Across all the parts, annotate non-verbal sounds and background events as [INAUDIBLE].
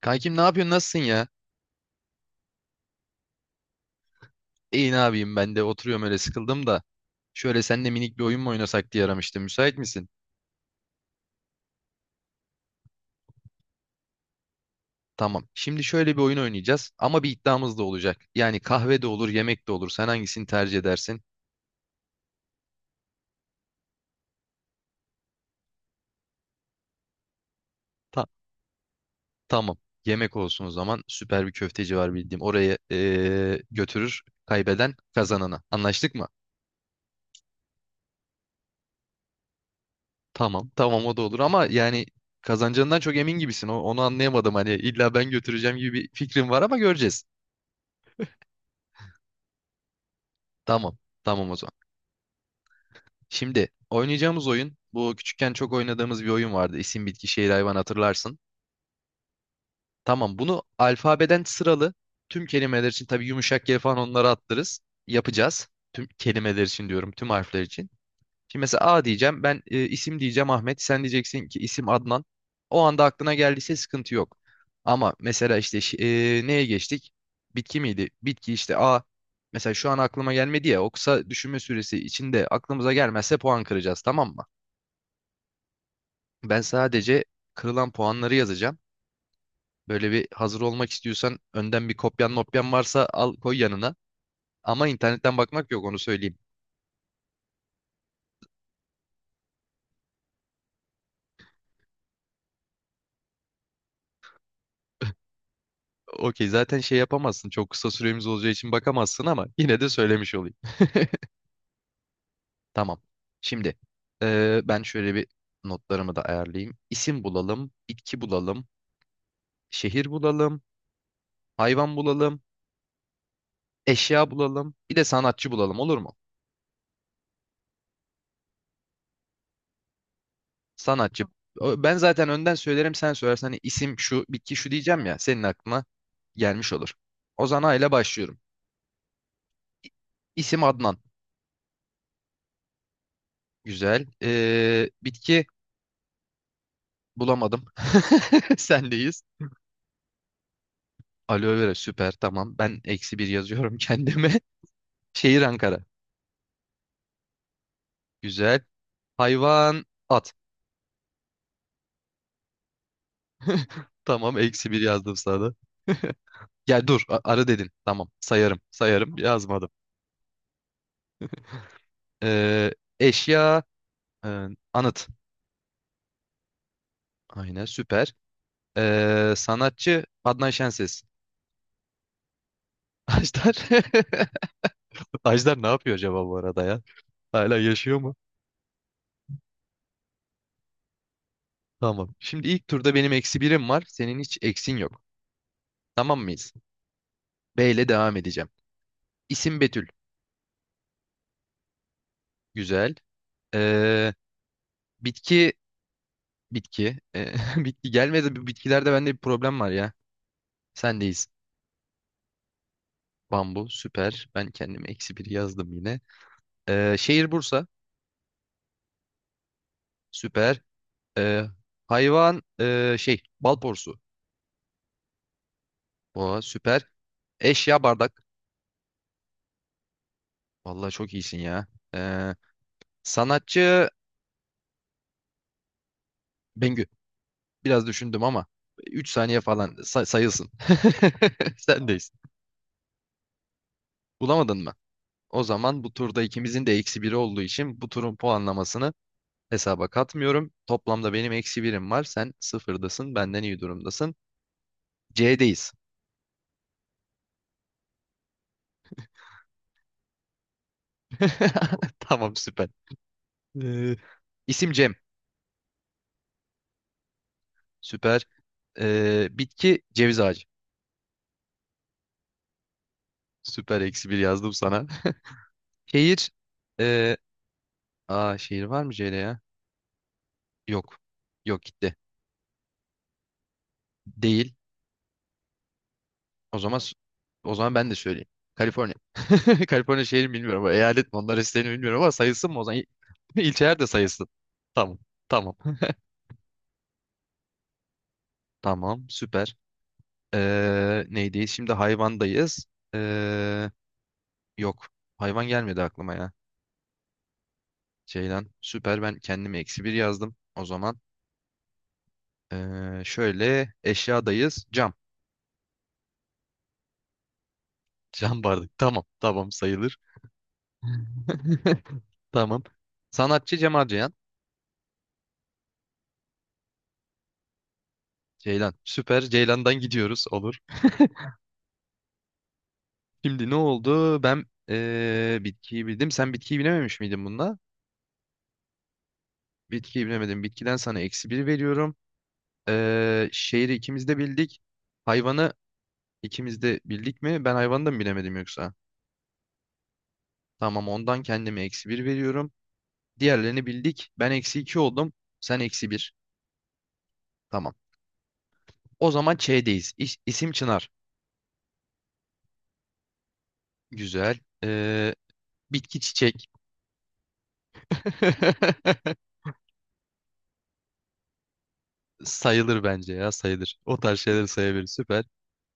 Kankim ne yapıyorsun? Nasılsın ya? İyi ne yapayım ben de oturuyorum öyle sıkıldım da. Şöyle seninle minik bir oyun mu oynasak diye aramıştım. Müsait misin? Tamam. Şimdi şöyle bir oyun oynayacağız ama bir iddiamız da olacak. Yani kahve de olur, yemek de olur. Sen hangisini tercih edersin? Ta- tamam. Yemek olsun o zaman. Süper bir köfteci var bildiğim. Oraya götürür kaybeden kazanana. Anlaştık mı? Tamam. Tamam o da olur ama yani kazanacağından çok emin gibisin. Onu anlayamadım. Hani illa ben götüreceğim gibi bir fikrim var ama göreceğiz. Tamam. Tamam o zaman. Şimdi oynayacağımız oyun bu küçükken çok oynadığımız bir oyun vardı. İsim, bitki, şehir, hayvan hatırlarsın. Tamam bunu alfabeden sıralı tüm kelimeler için tabii yumuşak yer falan onları attırız. Yapacağız. Tüm kelimeler için diyorum tüm harfler için. Şimdi mesela A diyeceğim ben isim diyeceğim Ahmet sen diyeceksin ki isim Adnan. O anda aklına geldiyse sıkıntı yok. Ama mesela işte neye geçtik? Bitki miydi? Bitki işte A. Mesela şu an aklıma gelmedi ya o kısa düşünme süresi içinde aklımıza gelmezse puan kıracağız tamam mı? Ben sadece kırılan puanları yazacağım. Böyle bir hazır olmak istiyorsan önden bir kopyan mopyan varsa al koy yanına. Ama internetten bakmak yok onu söyleyeyim. Okey zaten şey yapamazsın. Çok kısa süremiz olacağı için bakamazsın ama [LAUGHS] yine de söylemiş olayım. [LAUGHS] Tamam. Şimdi ben şöyle bir notlarımı da ayarlayayım. İsim bulalım, bitki bulalım, şehir bulalım, hayvan bulalım, eşya bulalım, bir de sanatçı bulalım olur mu? Sanatçı. Ben zaten önden söylerim sen söylersen hani isim şu bitki şu diyeceğim ya senin aklına gelmiş olur. Ozan A ile başlıyorum. İ- İsim Adnan. Güzel. Bitki bulamadım. [LAUGHS] Sendeyiz. Aloe vera süper tamam. Ben eksi bir yazıyorum kendime. [LAUGHS] Şehir Ankara. Güzel. Hayvan at. Tamam eksi bir yazdım sana. Da. Ya dur arı dedin. Tamam sayarım sayarım yazmadım. Ee, eşya e, anıt. Aynen süper. Sanatçı Adnan Şenses. [LAUGHS] Ajdar. [LAUGHS] Ajdar ne yapıyor acaba bu arada ya? Hala yaşıyor mu? Tamam. Şimdi ilk turda benim eksi birim var. Senin hiç eksin yok. Tamam mıyız? B ile devam edeceğim. İsim Betül. Güzel. Ee, bitki. Bitki. [LAUGHS] Bitki gelmedi. Bu bitkilerde bende bir problem var ya. Sendeyiz. Bambu. Süper. Ben kendime eksi bir yazdım yine. Şehir Bursa. Süper. Ee, hayvan. Şey. Balporsu. Oha süper. Eşya bardak. Vallahi çok iyisin ya. Ee, sanatçı Bengü. Biraz düşündüm ama üç saniye falan sayılsın. [LAUGHS] Sendeyiz. Bulamadın mı? O zaman bu turda ikimizin de eksi biri olduğu için bu turun puanlamasını hesaba katmıyorum. Toplamda benim eksi birim var. Sen sıfırdasın. Benden iyi durumdasın. C'deyiz. [LAUGHS] Tamam süper. Ee, isim Cem. Süper. Bitki ceviz ağacı. Süper eksi bir yazdım sana. [LAUGHS] Şehir e, aa şehir var mı Ceyda ya? Yok. Yok gitti. Değil. O zaman o zaman ben de söyleyeyim. Kaliforniya. [LAUGHS] Kaliforniya şehri mi bilmiyorum ama eyalet mi onlar isteğini bilmiyorum ama sayılsın mı o zaman? [LAUGHS] İlçeler de sayılsın. Tamam. Tamam. Tamam. Süper. Neydi? Şimdi hayvandayız. Ee, yok. Hayvan gelmedi aklıma ya. Ceylan. Süper. Ben kendime eksi bir yazdım. O zaman şöyle eşyadayız. Cam. Cam bardak. Tamam. Tamam sayılır. [LAUGHS] Tamam. Sanatçı Cemal Ceylan. Ceylan. Süper. Ceylan'dan gidiyoruz. Olur. Şimdi ne oldu? Ben bitkiyi bildim. Sen bitkiyi bilememiş miydin bununla? Bitkiyi bilemedim. Bitkiden sana eksi bir veriyorum. Şehri ikimiz de bildik. Hayvanı ikimiz de bildik mi? Ben hayvanı da mı bilemedim yoksa? Tamam ondan kendime eksi bir veriyorum. Diğerlerini bildik. Ben eksi iki oldum. Sen eksi bir. Tamam. O zaman Ç'deyiz. İsim Çınar. Güzel. Bitki çiçek. [LAUGHS] Sayılır bence ya sayılır. O tarz şeyleri sayabilir. Süper.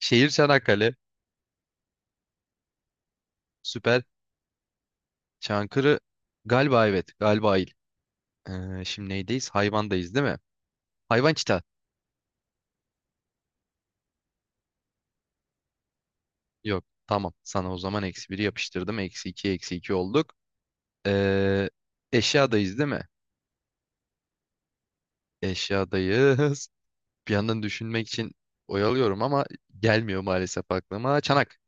Şehir Çanakkale. Süper. Çankırı galiba evet. Galiba il. Şimdi neydeyiz? Hayvandayız değil mi? Hayvan çita. Yok. Tamam. Sana o zaman eksi biri yapıştırdım. Eksi iki eksi iki olduk. Ee, eşyadayız değil mi? Eşyadayız. [LAUGHS] Bir yandan düşünmek için oyalıyorum ama gelmiyor maalesef aklıma. Çanak.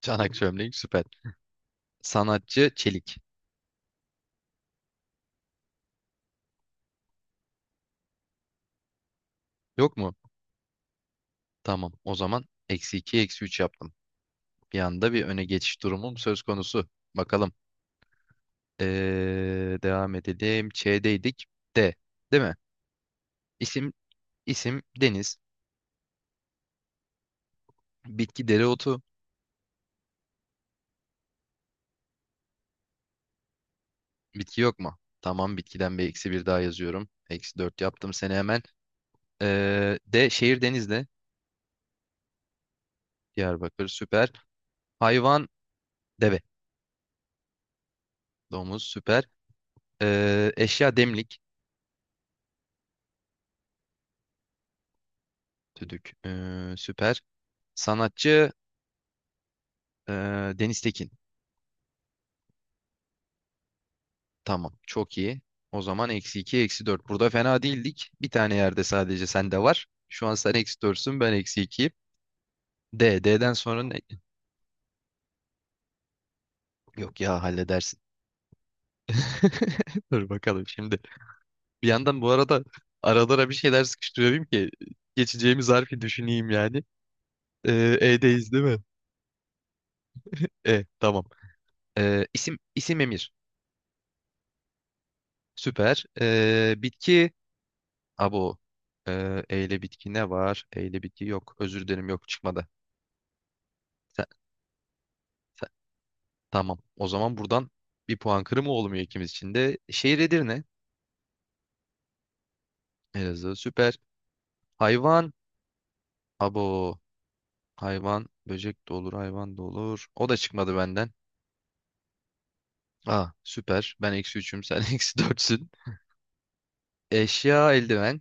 Çanak çömlek süper. Sanatçı Çelik. Yok mu? Tamam. O zaman eksi 2 eksi 3 yaptım. Bir anda bir öne geçiş durumum söz konusu. Bakalım. Devam edelim. Ç'deydik. D. Değil mi? İsim, isim Deniz. Bitki dereotu. Bitki yok mu? Tamam. Bitkiden bir eksi bir daha yazıyorum. Eksi 4 yaptım seni hemen. D. Şehir Denizli. Diyarbakır. Süper. Hayvan. Deve. Domuz. Süper. Eşya demlik. Düdük. Süper. Sanatçı. ee, Deniz Tekin. Tamam. Çok iyi. O zaman eksi 2, eksi 4. Burada fena değildik. Bir tane yerde sadece sende var. Şu an sen eksi 4'sün, ben eksi 2'yim. D. D'den sonra ne? Yok ya halledersin. [LAUGHS] Dur bakalım şimdi. Bir yandan bu arada aralara bir şeyler sıkıştırıyorum ki geçeceğimiz harfi düşüneyim yani. E'deyiz değil mi? E tamam. İsim Emir. Süper. Bitki abo. E ile bitki ne var? E ile bitki yok. Özür dilerim yok çıkmadı. Sen, Tamam. O zaman buradan bir puan kırımı olmuyor ikimiz için de. Şehir Edirne. Elazığ süper. Hayvan. Abo. Hayvan. Böcek de olur. Hayvan da olur. O da çıkmadı benden. Aa süper. Ben eksi üçüm. Sen [LAUGHS] eksi dörtsün. Eşya eldiven.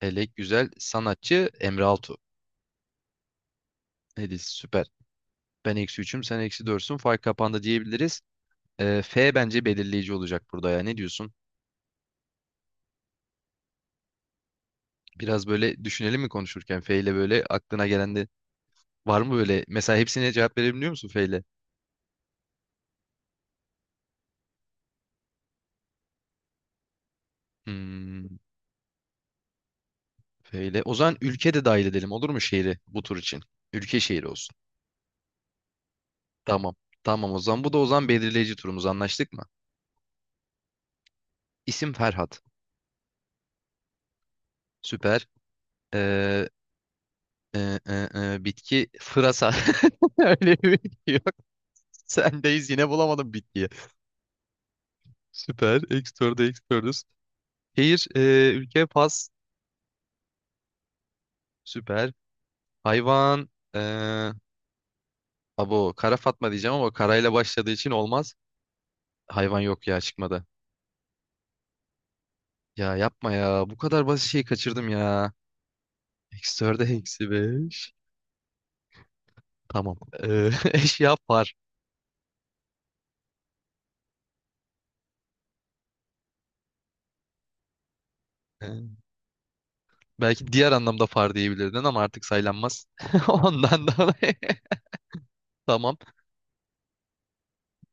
Elek güzel. Sanatçı Emre Altu. Edis süper. Ben eksi üçüm. Sen eksi dörtsün. Fark kapandı diyebiliriz. F bence belirleyici olacak burada ya. Ne diyorsun? Biraz böyle düşünelim mi konuşurken? F ile böyle aklına gelen de var mı böyle? Mesela hepsine cevap verebiliyor musun F ile? Hmm, böyle. O zaman ülke de dahil edelim olur mu şehri bu tur için? Ülke şehri olsun. Tamam. Tamam o zaman. Bu da o zaman belirleyici turumuz anlaştık mı? İsim Ferhat. Süper. Ee, e, e, bitki Fırasa. [LAUGHS] Öyle bir bitki yok. Sendeyiz yine bulamadım bitkiyi. Süper. Ekstörde ekstörüz. Şehir, ülke Fas. Süper. Hayvan. E, abo. Kara Fatma diyeceğim ama karayla başladığı için olmaz. Hayvan yok ya çıkmadı. Ya yapma ya. Bu kadar basit şeyi kaçırdım ya. Eksi 4'e eksi 5. Tamam. [LAUGHS] Eşya far. Ee, Belki diğer anlamda far diyebilirdin ama artık saylanmaz. [LAUGHS] Ondan dolayı. [LAUGHS] Tamam.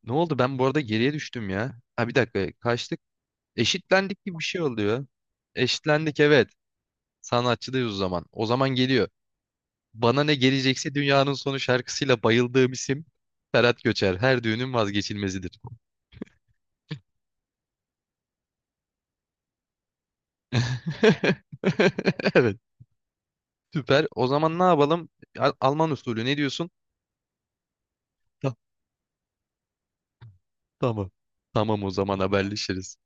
Ne oldu? Ben bu arada geriye düştüm ya. Ha bir dakika. Kaçtık? Eşitlendik gibi bir şey oluyor. Eşitlendik evet. Sanatçıdayız o zaman. O zaman geliyor. Bana ne gelecekse dünyanın sonu şarkısıyla bayıldığım isim Ferhat Göçer. Her düğünün vazgeçilmezidir. [LAUGHS] Evet. Süper. O zaman ne yapalım? Alman usulü ne diyorsun? Ta- Tamam. Tamam o zaman haberleşiriz.